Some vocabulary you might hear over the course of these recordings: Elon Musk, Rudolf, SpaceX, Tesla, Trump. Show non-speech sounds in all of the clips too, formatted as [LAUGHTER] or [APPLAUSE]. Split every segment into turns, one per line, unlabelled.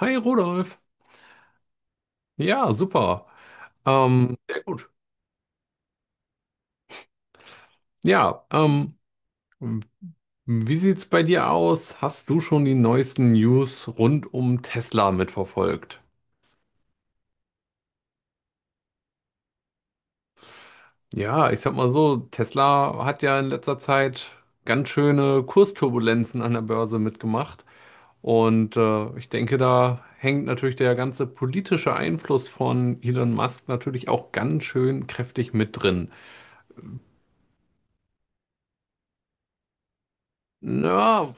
Hi Rudolf. Ja, super. Sehr gut. Ja, wie sieht's bei dir aus? Hast du schon die neuesten News rund um Tesla mitverfolgt? Ja, ich sag mal so, Tesla hat ja in letzter Zeit ganz schöne Kursturbulenzen an der Börse mitgemacht. Und ich denke, da hängt natürlich der ganze politische Einfluss von Elon Musk natürlich auch ganz schön kräftig mit drin. Na,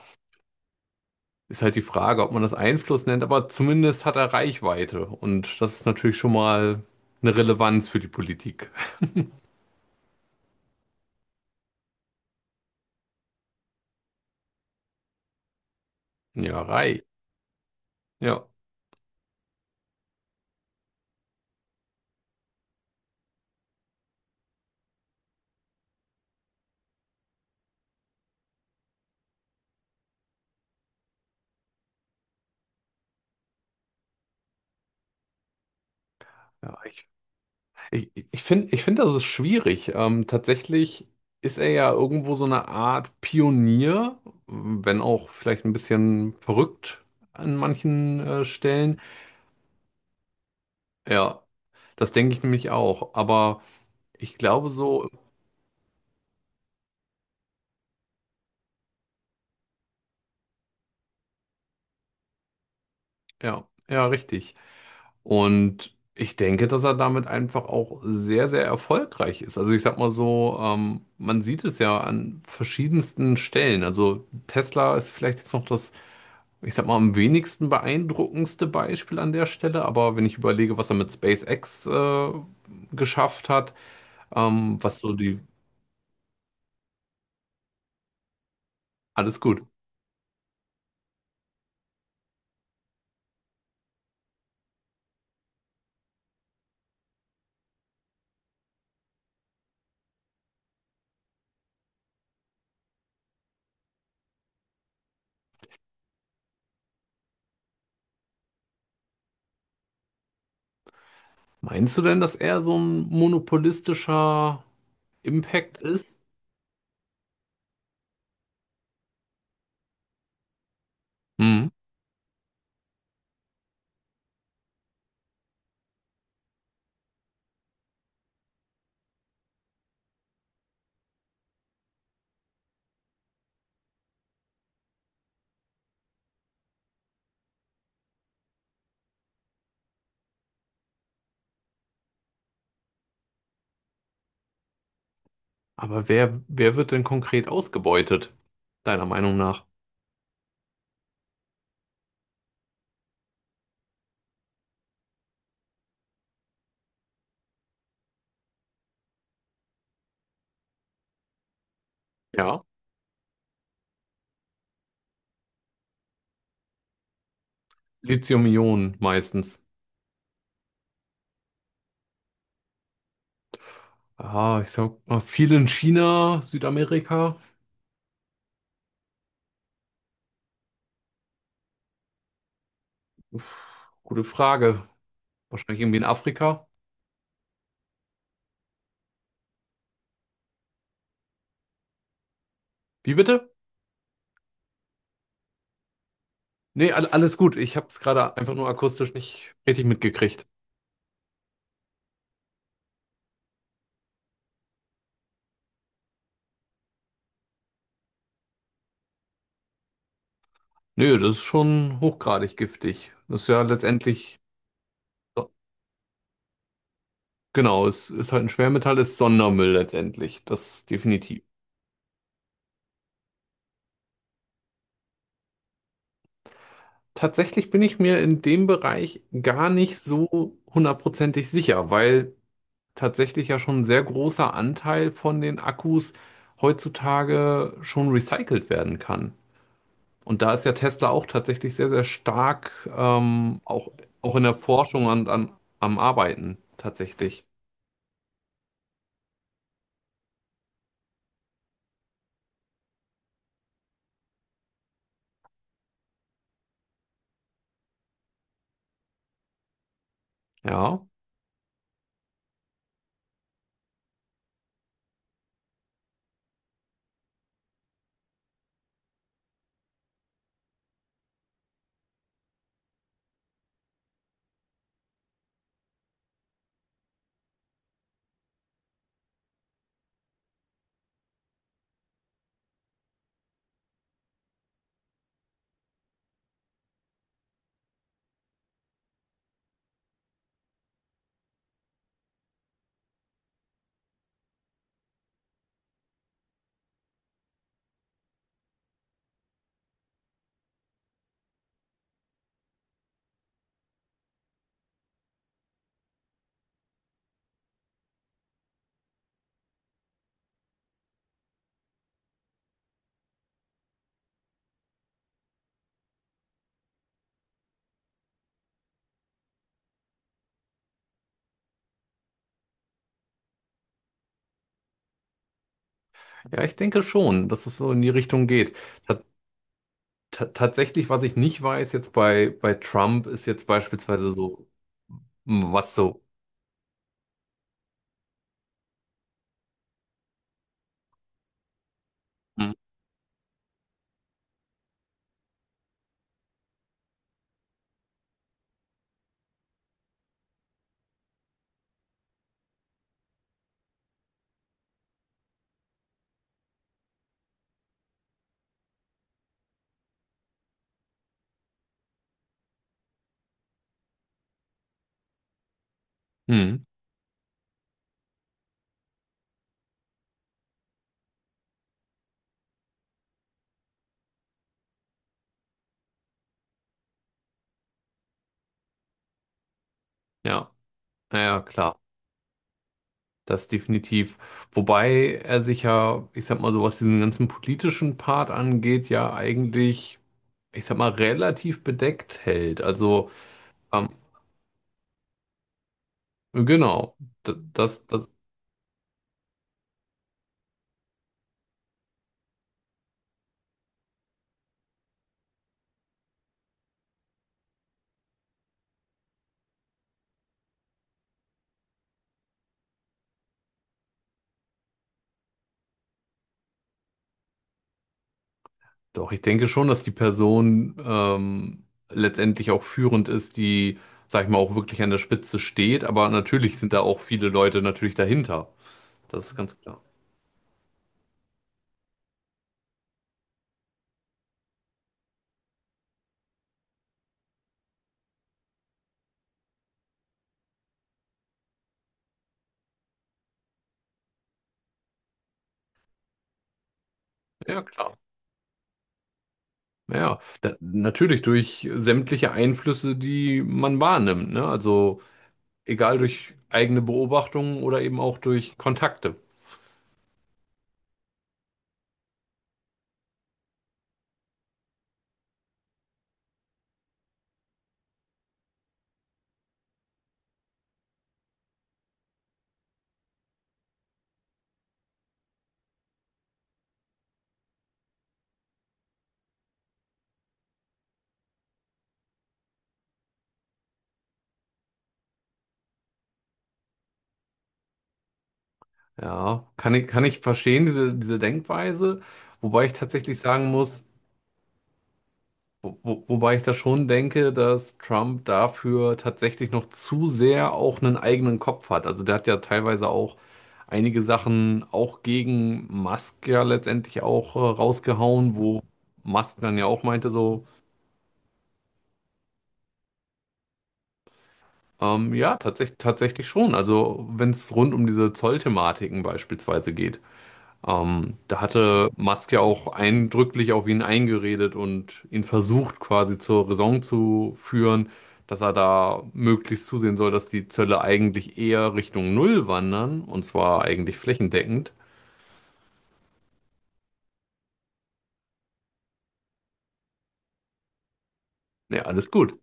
ist halt die Frage, ob man das Einfluss nennt, aber zumindest hat er Reichweite und das ist natürlich schon mal eine Relevanz für die Politik. Ja, reich. Ja. Ja, ich finde, das ist schwierig. Tatsächlich ist er ja irgendwo so eine Art Pionier, wenn auch vielleicht ein bisschen verrückt an manchen Stellen. Ja, das denke ich nämlich auch. Aber ich glaube so, ja, ja, richtig. Und ich denke, dass er damit einfach auch sehr, sehr erfolgreich ist. Also ich sag mal so, man sieht es ja an verschiedensten Stellen. Also Tesla ist vielleicht jetzt noch das, ich sag mal, am wenigsten beeindruckendste Beispiel an der Stelle. Aber wenn ich überlege, was er mit SpaceX geschafft hat, ähm, was so die, alles gut. Meinst du denn, dass er so ein monopolistischer Impact ist? Hm. Aber wer wird denn konkret ausgebeutet, deiner Meinung nach? Ja, Lithium-Ionen meistens. Ah, ich sag mal, viel in China, Südamerika. Uff, gute Frage. Wahrscheinlich irgendwie in Afrika. Wie bitte? Nee, alles gut. Ich habe es gerade einfach nur akustisch nicht richtig mitgekriegt. Nö, das ist schon hochgradig giftig. Das ist ja letztendlich, so, genau, es ist halt ein Schwermetall, ist Sondermüll letztendlich. Das definitiv. Tatsächlich bin ich mir in dem Bereich gar nicht so hundertprozentig sicher, weil tatsächlich ja schon ein sehr großer Anteil von den Akkus heutzutage schon recycelt werden kann. Und da ist ja Tesla auch tatsächlich sehr, sehr stark, auch, auch in der Forschung und an, am Arbeiten tatsächlich. Ja, ja, ich denke schon, dass es so in die Richtung geht. Ta- Tatsächlich, was ich nicht weiß jetzt bei Trump, ist jetzt beispielsweise so, hm, was so. Hm, hm, ja, naja, klar. Das definitiv. Wobei er sich ja, ich sag mal so, was diesen ganzen politischen Part angeht, ja eigentlich, ich sag mal, relativ bedeckt hält. Also, ähm, genau, das, das, doch, ich denke schon, dass die Person letztendlich auch führend ist, die, sag ich mal, auch wirklich an der Spitze steht. Aber natürlich sind da auch viele Leute natürlich dahinter. Das ist ganz klar. Ja, klar. Ja, da, natürlich durch sämtliche Einflüsse, die man wahrnimmt, ne? Also egal durch eigene Beobachtungen oder eben auch durch Kontakte. Ja, kann ich verstehen, diese Denkweise, wobei ich tatsächlich sagen muss, wobei ich da schon denke, dass Trump dafür tatsächlich noch zu sehr auch einen eigenen Kopf hat. Also der hat ja teilweise auch einige Sachen auch gegen Musk ja letztendlich auch rausgehauen, wo Musk dann ja auch meinte so, ja, tatsächlich, tatsächlich schon. Also wenn es rund um diese Zollthematiken beispielsweise geht. Da hatte Musk ja auch eindrücklich auf ihn eingeredet und ihn versucht quasi zur Raison zu führen, dass er da möglichst zusehen soll, dass die Zölle eigentlich eher Richtung Null wandern und zwar eigentlich flächendeckend. Ja, alles gut.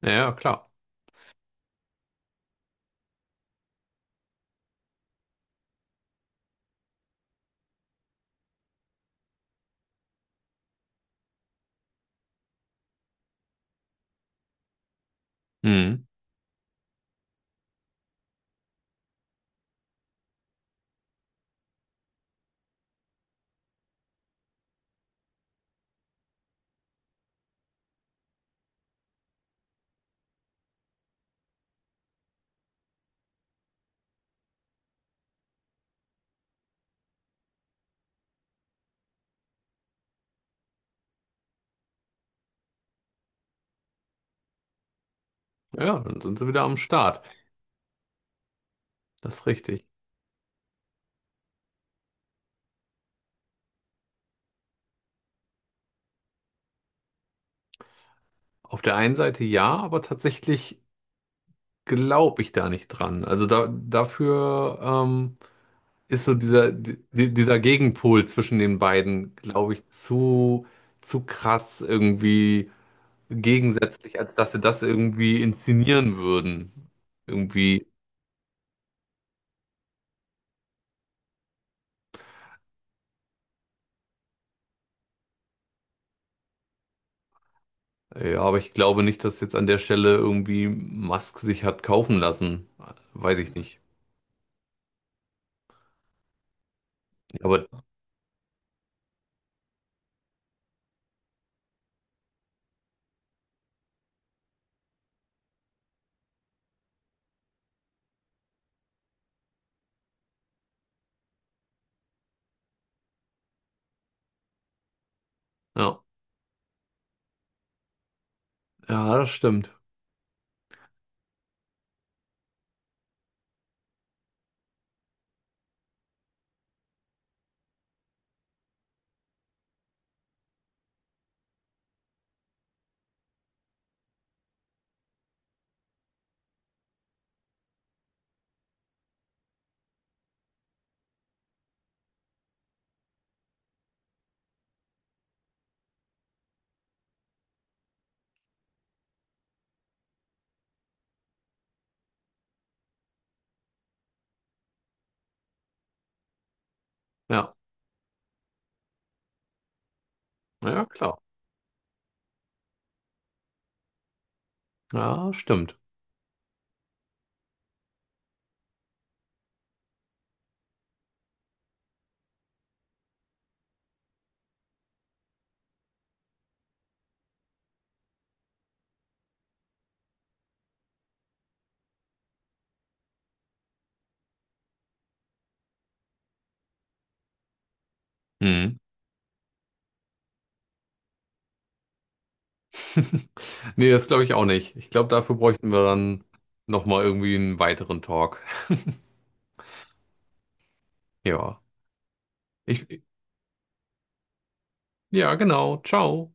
Ja, ja, klar. Hm. Ja, ja, dann sind sie wieder am Start. Das ist richtig. Auf der einen Seite ja, aber tatsächlich glaube ich da nicht dran. Also da, dafür, ist so dieser, dieser Gegenpol zwischen den beiden, glaube ich, zu krass irgendwie gegensätzlich, als dass sie das irgendwie inszenieren würden. Irgendwie, ja, aber ich glaube nicht, dass jetzt an der Stelle irgendwie Musk sich hat kaufen lassen. Weiß ich nicht. Aber ja, ja, das stimmt. Ja, ja, klar. Ja, stimmt. Mhm. [LAUGHS] Nee, das glaube ich auch nicht. Ich glaube, dafür bräuchten wir dann nochmal irgendwie einen weiteren Talk. Ja. Ich, ja, genau. Ciao.